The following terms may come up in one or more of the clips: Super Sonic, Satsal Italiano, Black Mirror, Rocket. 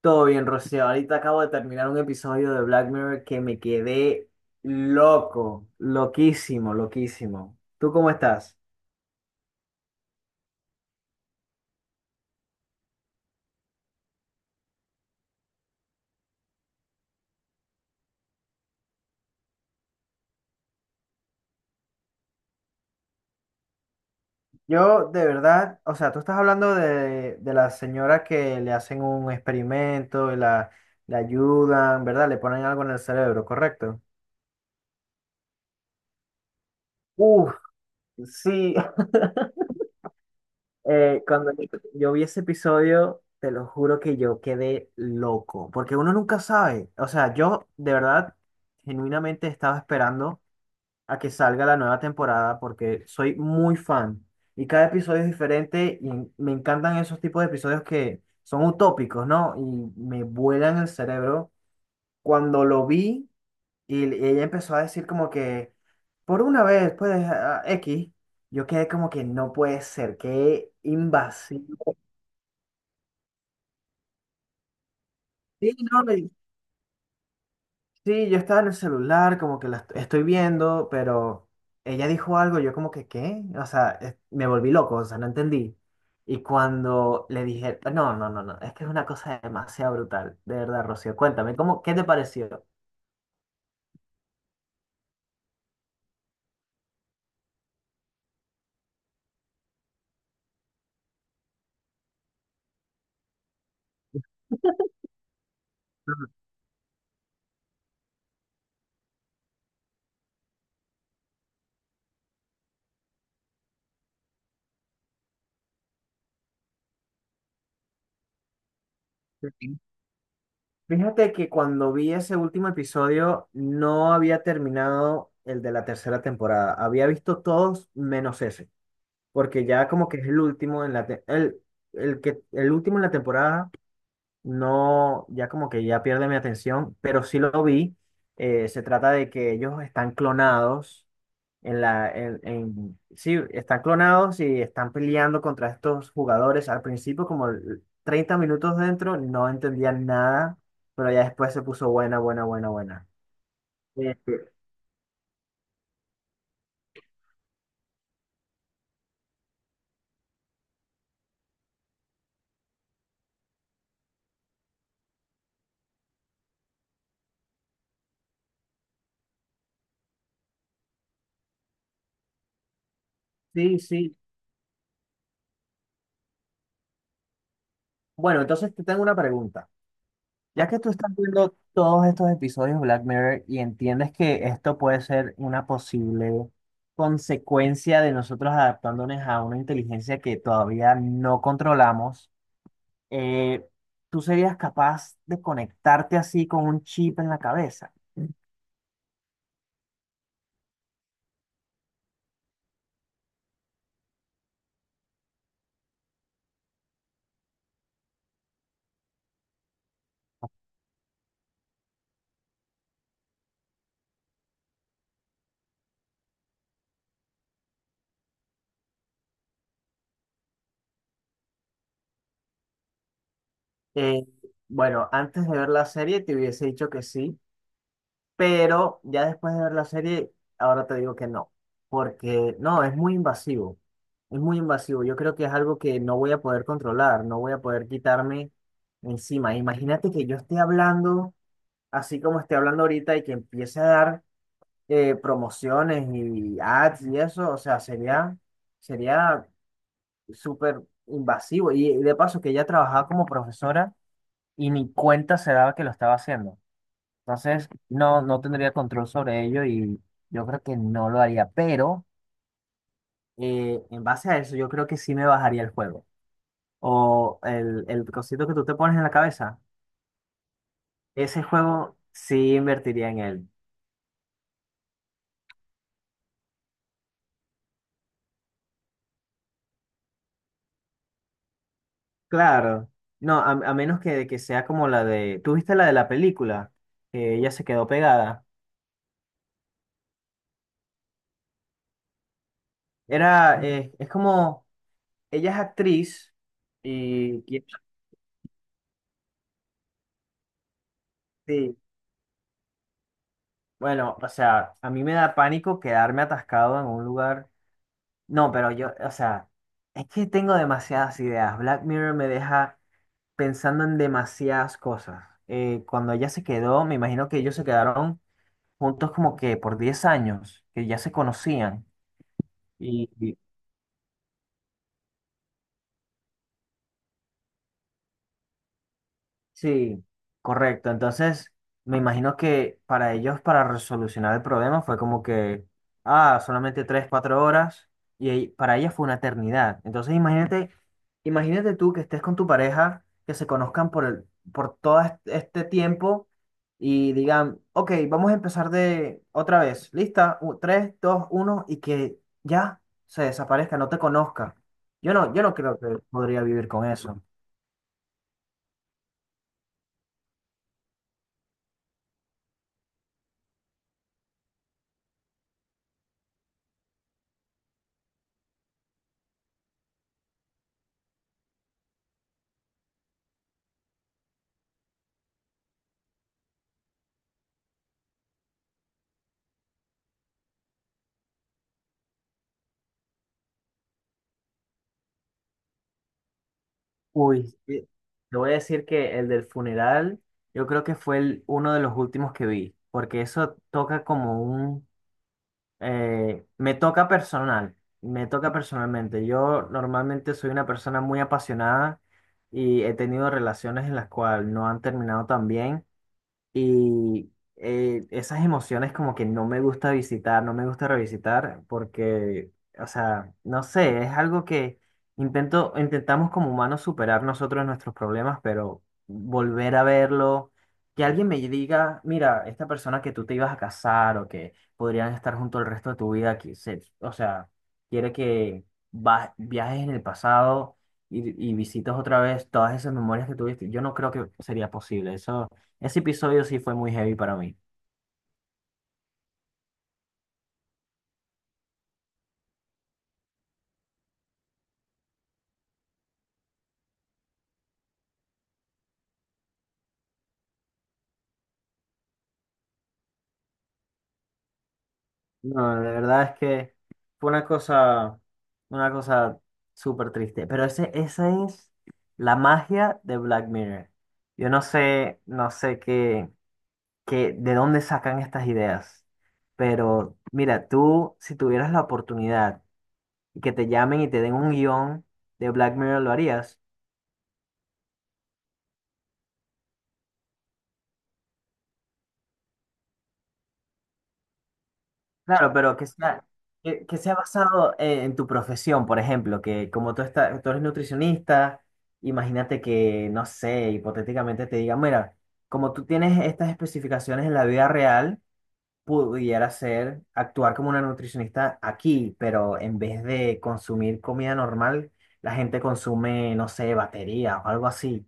Todo bien, Rocío. Ahorita acabo de terminar un episodio de Black Mirror que me quedé loco, loquísimo, loquísimo. ¿Tú cómo estás? Yo, de verdad, o sea, tú estás hablando de la señora que le hacen un experimento y la ayudan, ¿verdad? Le ponen algo en el cerebro, ¿correcto? Uf, sí. Cuando yo vi ese episodio, te lo juro que yo quedé loco, porque uno nunca sabe. O sea, yo de verdad, genuinamente estaba esperando a que salga la nueva temporada porque soy muy fan y cada episodio es diferente y me encantan esos tipos de episodios que son utópicos, ¿no? Y me vuelan el cerebro. Cuando lo vi y ella empezó a decir como que, por una vez, pues, ah, X. Yo quedé como que no puede ser, qué invasivo. Sí, no, sí, yo estaba en el celular, como que la estoy viendo, pero ella dijo algo, yo como que, ¿qué? O sea, me volví loco, o sea, no entendí. Y cuando le dije, no, no, no, no, es que es una cosa demasiado brutal, de verdad, Rocío, cuéntame, ¿cómo, qué te pareció? Ujú. Sí. Fíjate que cuando vi ese último episodio no había terminado el de la tercera temporada. Había visto todos menos ese, porque ya como que es el último en el que el último en la temporada no, ya como que ya pierde mi atención, pero sí lo vi. Se trata de que ellos están clonados en sí, están clonados y están peleando contra estos jugadores. Al principio, como el 30 minutos dentro, no entendía nada, pero ya después se puso buena, buena, buena, buena. Este, sí, sí. Bueno, entonces te tengo una pregunta. Ya que tú estás viendo todos estos episodios de Black Mirror y entiendes que esto puede ser una posible consecuencia de nosotros adaptándonos a una inteligencia que todavía no controlamos, eh, ¿tú serías capaz de conectarte así con un chip en la cabeza? Eh, bueno, antes de ver la serie te hubiese dicho que sí, pero ya después de ver la serie, ahora te digo que no, porque no, es muy invasivo, es muy invasivo. Yo creo que es algo que no voy a poder controlar, no voy a poder quitarme encima. Imagínate que yo esté hablando así como estoy hablando ahorita y que empiece a dar promociones y ads y eso, o sea, sería, sería súper invasivo. Y de paso que ella trabajaba como profesora y ni cuenta se daba que lo estaba haciendo. Entonces, no, no tendría control sobre ello y yo creo que no lo haría. Pero en base a eso, yo creo que sí me bajaría el juego. O el cosito que tú te pones en la cabeza. Ese juego sí invertiría en él. Claro. No, a menos que sea como la de... ¿Tú viste la de la película? Que ella se quedó pegada. Era, es como... Ella es actriz y... y- Sí. Bueno, o sea, a mí me da pánico quedarme atascado en un lugar. No, pero yo, o sea, es que tengo demasiadas ideas. Black Mirror me deja pensando en demasiadas cosas. Cuando ella se quedó, me imagino que ellos se quedaron juntos como que por 10 años, que ya se conocían. Y, sí, correcto. Entonces, me imagino que para ellos, para resolucionar el problema, fue como que, ah, solamente 3, 4 horas, para ella fue una eternidad. Entonces, imagínate, imagínate tú que estés con tu pareja, que se conozcan por por este tiempo y digan, ok, vamos a empezar de otra vez. Lista, tres, dos, uno, y que ya se desaparezca, no te conozca. Yo no, yo no creo que podría vivir con eso. Uy, te voy a decir que el del funeral, yo creo que fue uno de los últimos que vi, porque eso toca como un... me toca personal, me toca personalmente. Yo normalmente soy una persona muy apasionada y he tenido relaciones en las cuales no han terminado tan bien. Y esas emociones como que no me gusta visitar, no me gusta revisitar, porque, o sea, no sé, es algo que intento, intentamos como humanos superar nosotros nuestros problemas, pero volver a verlo, que alguien me diga, mira, esta persona que tú te ibas a casar o que podrían estar junto el resto de tu vida, o sea, quiere que viajes en el pasado y visites otra vez todas esas memorias que tuviste. Yo no creo que sería posible, eso. Ese episodio sí fue muy heavy para mí. No, de verdad es que fue una cosa súper triste. Pero ese, esa es la magia de Black Mirror. Yo no sé, no sé qué de dónde sacan estas ideas. Pero mira, tú, si tuvieras la oportunidad y que te llamen y te den un guión de Black Mirror, ¿lo harías? Claro, pero que sea, que sea basado en tu profesión, por ejemplo, que como tú, estás, tú eres nutricionista, imagínate que, no sé, hipotéticamente te digan, mira, como tú tienes estas especificaciones en la vida real, pudiera ser actuar como una nutricionista aquí, pero en vez de consumir comida normal, la gente consume, no sé, batería o algo así.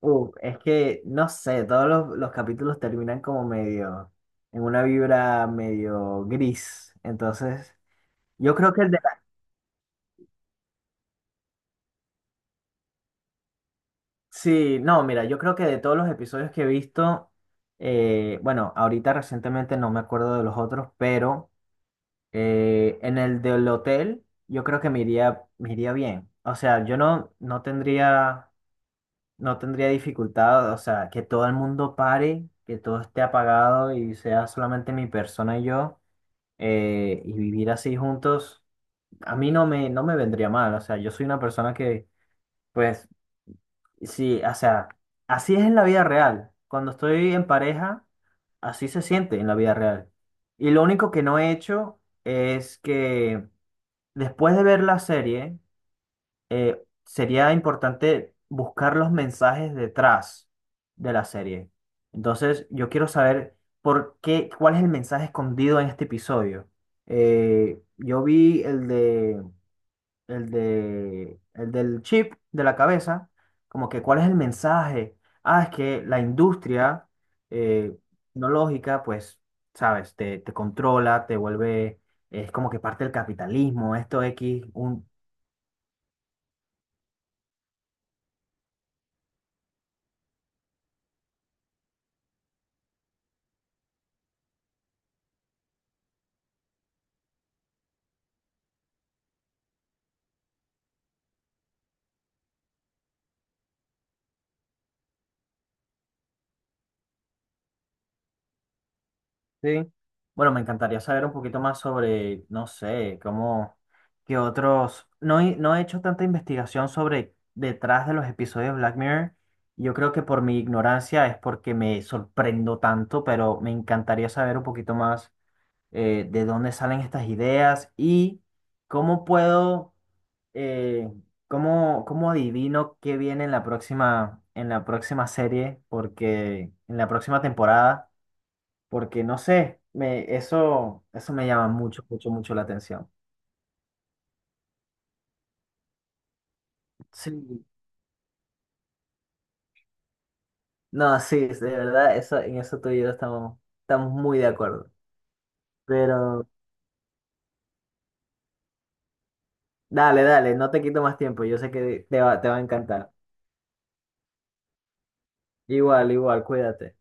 Es que, no sé, todos los capítulos terminan como medio, en una vibra medio gris. Entonces, yo creo que sí, no, mira, yo creo que de todos los episodios que he visto, bueno, ahorita recientemente no me acuerdo de los otros, pero en el del hotel yo creo que me iría bien. O sea, yo no, no tendría, no tendría dificultad, o sea, que todo el mundo pare, que todo esté apagado y sea solamente mi persona y yo. Y vivir así juntos, a mí no me, no me vendría mal. O sea, yo soy una persona que, pues, sí, o sea, así es en la vida real. Cuando estoy en pareja, así se siente en la vida real. Y lo único que no he hecho es que después de ver la serie, sería importante buscar los mensajes detrás de la serie. Entonces, yo quiero saber por qué, cuál es el mensaje escondido en este episodio. Yo vi el de, el del chip de la cabeza, como que cuál es el mensaje. Ah, es que la industria eh, tecnológica, pues, sabes, te controla, te vuelve, es como que parte del capitalismo, esto X. Sí. Bueno, me encantaría saber un poquito más sobre, no sé, cómo, qué otros... No, no he hecho tanta investigación sobre detrás de los episodios de Black Mirror. Yo creo que por mi ignorancia es porque me sorprendo tanto, pero me encantaría saber un poquito más de dónde salen estas ideas y cómo puedo, eh, cómo, cómo adivino qué viene en la próxima serie, porque en la próxima temporada porque no sé, me, eso me llama mucho, mucho, mucho la atención. Sí. No, sí, de verdad, eso, en eso tú y yo estamos, estamos muy de acuerdo. Pero dale, dale, no te quito más tiempo, yo sé que te va a encantar. Igual, igual, cuídate.